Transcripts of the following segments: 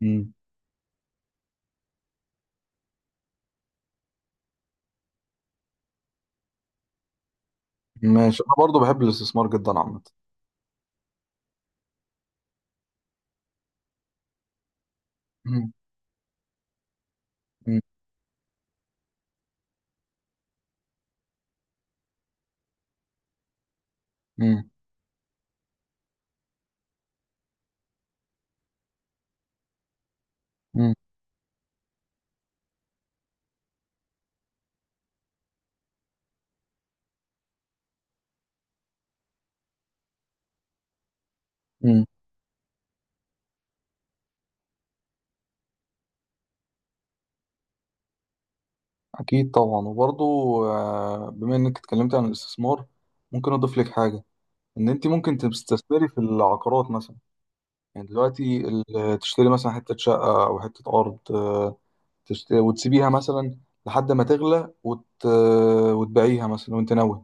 مم. ماشي، انا برضو بحب الاستثمار جدا عامه. مم. مم. مم. مم. مم. اكيد طبعا. وبرضو بما انك اتكلمت عن الاستثمار، ممكن اضيف لك حاجه. ان انت ممكن تستثمري في العقارات مثلا. يعني دلوقتي تشتري مثلا حته شقه او حته ارض تشتري وتسيبيها مثلا لحد ما تغلى وتبيعيها مثلا وانت ناوي.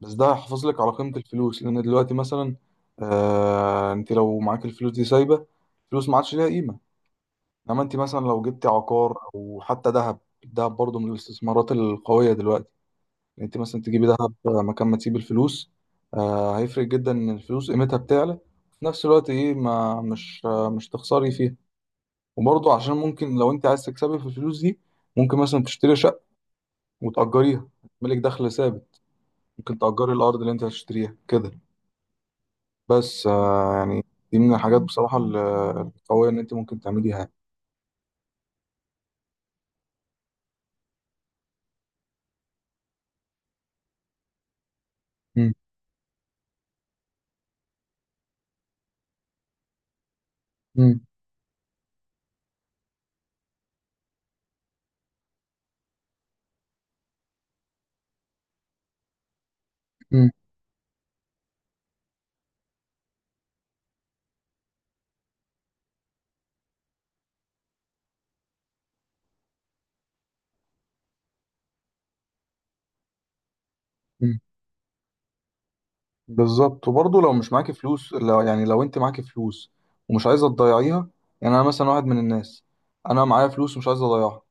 بس ده هيحافظ لك على قيمه الفلوس، لان دلوقتي مثلا انت لو معاك الفلوس دي سايبه، فلوس ما عادش ليها قيمه. انما انت مثلا لو جبتي عقار او حتى ذهب. الذهب برضه من الاستثمارات القويه دلوقتي. يعني انت مثلا تجيبي ذهب مكان ما تسيبي الفلوس. آه، هيفرق جدا ان الفلوس قيمتها بتعلى، وفي نفس الوقت ايه، ما مش آه مش تخسري فيها. وبرضه عشان ممكن لو انت عايز تكسبي في الفلوس دي، ممكن مثلا تشتري شقه وتأجريها، ملك دخل ثابت. ممكن تأجري الارض اللي انت هتشتريها كده، بس آه يعني دي من الحاجات بصراحه القويه ان انت ممكن تعمليها. مم. مم. مم. بالظبط. وبرضه لو مش معاكي فلوس، لو يعني لو انت معاكي فلوس ومش عايزه تضيعيها. يعني انا مثلا واحد من الناس، انا معايا فلوس ومش عايز اضيعها.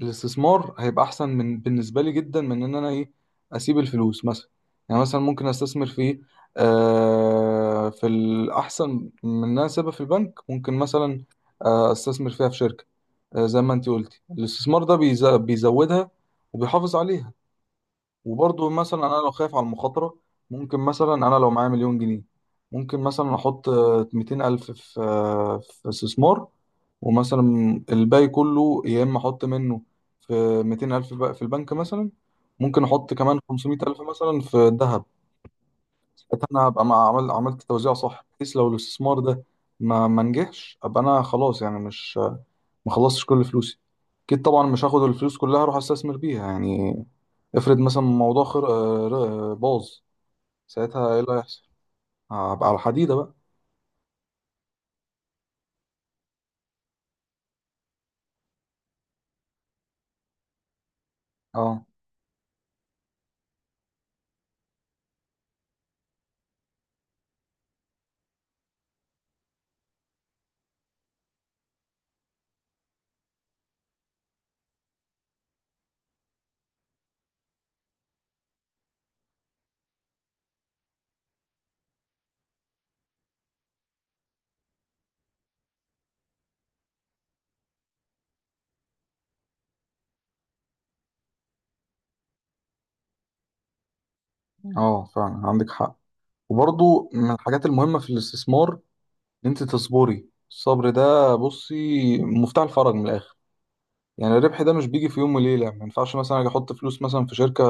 الاستثمار هيبقى احسن من، بالنسبه لي جدا، من ان انا ايه، اسيب الفلوس مثلا. يعني مثلا ممكن استثمر في ايه، آه، في الاحسن من ان انا اسيبها في البنك. ممكن مثلا استثمر فيها في شركه. آه، زي ما انت قلتي، الاستثمار ده بيزودها وبيحافظ عليها. وبرضه مثلا انا لو خايف على المخاطره، ممكن مثلا انا لو معايا مليون جنيه، ممكن مثلا احط ميتين الف في استثمار. ومثلا الباقي كله، يا اما احط منه في ميتين الف بقى في البنك مثلا، ممكن احط كمان خمسمية الف مثلا في الذهب. ساعتها انا هبقى عملت توزيع صح، بحيث لو الاستثمار ده ما نجحش ابقى انا خلاص يعني مش، ما خلصتش كل فلوسي. اكيد طبعا مش هاخد الفلوس كلها اروح استثمر بيها، يعني. افرض مثلا الموضوع خر... آه، ر- آه، باظ، ساعتها ايه اللي هيحصل؟ هبقى على الحديدة بقى. اه. مم. اه، فعلا عندك حق. وبرضو من الحاجات المهمة في الاستثمار ان انت تصبري. الصبر ده بصي مفتاح الفرج من الاخر. يعني الربح ده مش بيجي في يوم وليلة. ما ينفعش مثلا اجي احط فلوس مثلا في شركة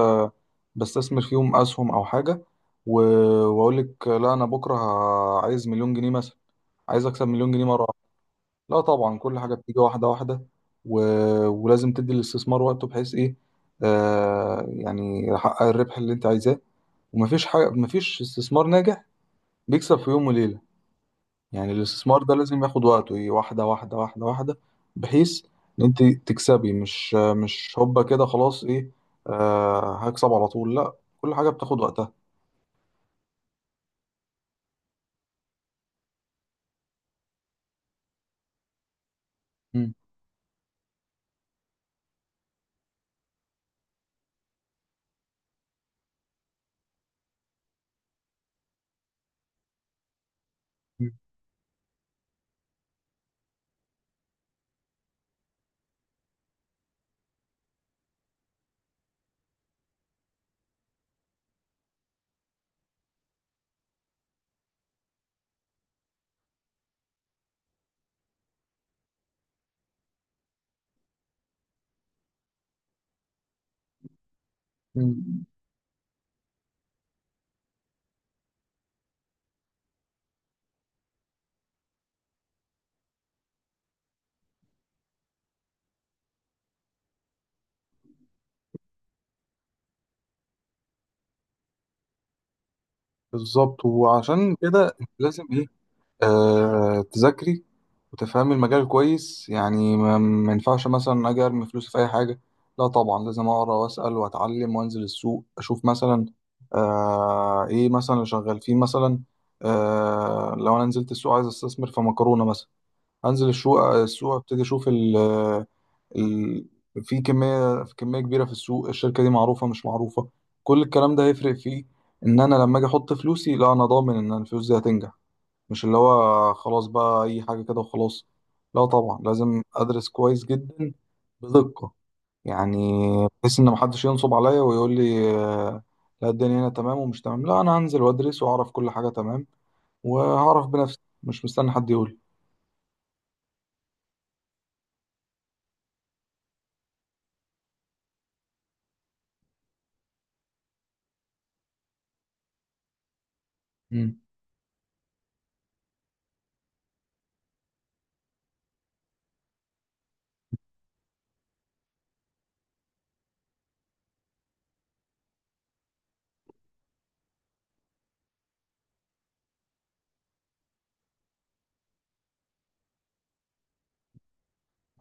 بستثمر فيهم اسهم او حاجة و... واقول لك لا انا بكرة عايز مليون جنيه مثلا، عايز اكسب مليون جنيه مرة. لا طبعا، كل حاجة بتيجي واحدة واحدة. و... ولازم تدي الاستثمار وقته بحيث ايه، آه، يعني يحقق الربح اللي انت عايزاه. ومفيش حاجة، مفيش استثمار ناجح بيكسب في يوم وليلة. يعني الاستثمار ده لازم ياخد وقته ايه، واحدة واحدة واحدة واحدة، بحيث ان انت تكسبي. مش هوبا كده خلاص ايه، آه، هكسب على طول، لا. كل حاجة بتاخد وقتها. مم. مم. بالظبط. وعشان كده انت لازم ايه، آه، تذاكري وتفهم المجال كويس. يعني ما ينفعش مثلا اجي ارمي فلوسي في اي حاجه. لا طبعا، لازم اقرا واسال واتعلم وانزل السوق اشوف مثلا آه، ايه مثلا اللي شغال فيه مثلا. آه، لو انا نزلت السوق عايز استثمر في مكرونه مثلا، انزل السوق ابتدي اشوف ال ال في كميه، في كميه كبيره في السوق، الشركه دي معروفه مش معروفه، كل الكلام ده هيفرق فيه. ان انا لما اجي احط فلوسي، لا، انا ضامن ان الفلوس دي هتنجح. مش اللي هو خلاص بقى اي حاجه كده وخلاص، لا طبعا، لازم ادرس كويس جدا بدقه يعني. بحيث ان محدش ينصب عليا ويقول لي آه، لا الدنيا هنا تمام ومش تمام. لا، انا هنزل وادرس واعرف كل حاجه تمام، وهعرف بنفسي، مش مستني حد يقول. امم.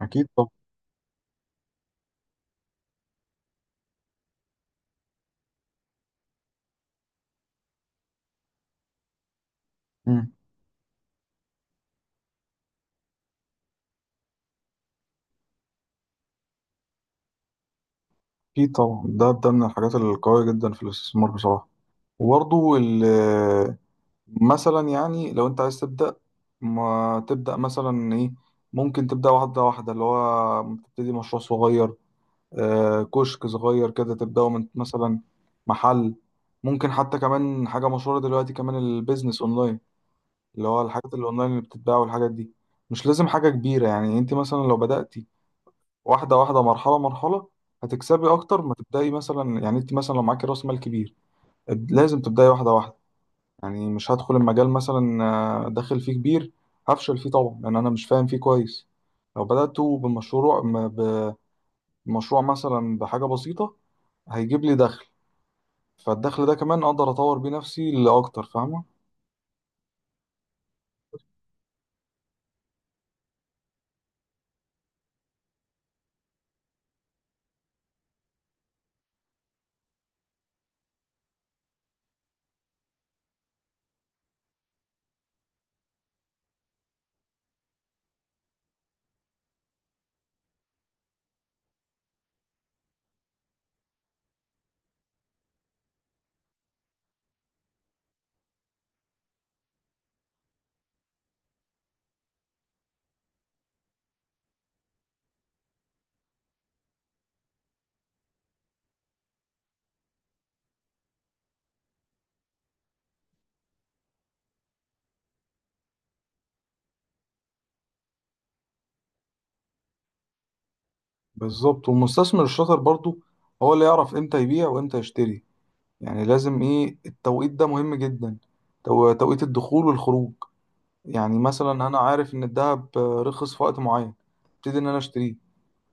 اكيد طبعا. امم. اكيد طبعا، ده من الحاجات القويه جدا في الاستثمار بصراحه. وبرضه مثلا يعني لو انت عايز تبدأ، ما تبدأ مثلا ايه، ممكن تبدأ واحدة واحدة اللي هو تبتدي مشروع صغير. آه، كشك صغير كده تبدأه من مثلا، محل. ممكن حتى كمان حاجة مشهورة دلوقتي كمان، البيزنس اونلاين، اللي هو الحاجات الاونلاين اللي بتتباع والحاجات دي. مش لازم حاجة كبيرة. يعني انت مثلا لو بدأتي واحدة واحدة، مرحلة مرحلة، هتكسبي اكتر ما تبدأي مثلا. يعني انت مثلا لو معاكي راس مال كبير، لازم تبدأي واحدة واحدة. يعني مش هدخل المجال مثلا آه، داخل فيه كبير، هفشل فيه طبعا، لان انا مش فاهم فيه كويس. لو بدأت بمشروع مثلا بحاجة بسيطة، هيجيب لي دخل، فالدخل ده كمان اقدر اطور بيه نفسي لاكتر، فاهمة؟ بالظبط. والمستثمر الشاطر برضو هو اللي يعرف امتى يبيع وامتى يشتري. يعني لازم ايه، التوقيت ده مهم جدا، توقيت الدخول والخروج. يعني مثلا انا عارف ان الذهب آه، رخص في وقت معين، ابتدي ان انا اشتريه.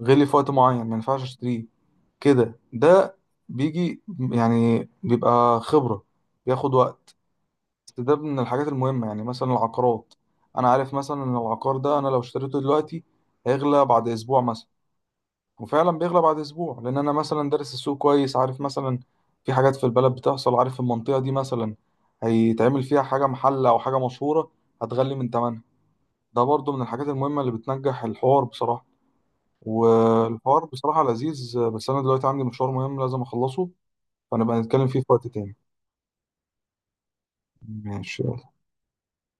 غلي في وقت معين، ما ينفعش اشتريه كده. ده بيجي، يعني بيبقى خبرة، بياخد وقت. بس ده من الحاجات المهمة. يعني مثلا العقارات، أنا عارف مثلا إن العقار ده أنا لو اشتريته دلوقتي هيغلى بعد أسبوع مثلا، وفعلا بيغلى بعد أسبوع، لأن أنا مثلا دارس السوق كويس، عارف مثلا في حاجات في البلد بتحصل، عارف المنطقة دي مثلا هيتعمل فيها حاجة، محل أو حاجة مشهورة، هتغلي من تمنها. ده برضو من الحاجات المهمة اللي بتنجح. الحوار بصراحة، والحوار بصراحة لذيذ، بس أنا دلوقتي عندي مشوار مهم لازم أخلصه، فنبقى نتكلم فيه في وقت تاني. ماشي.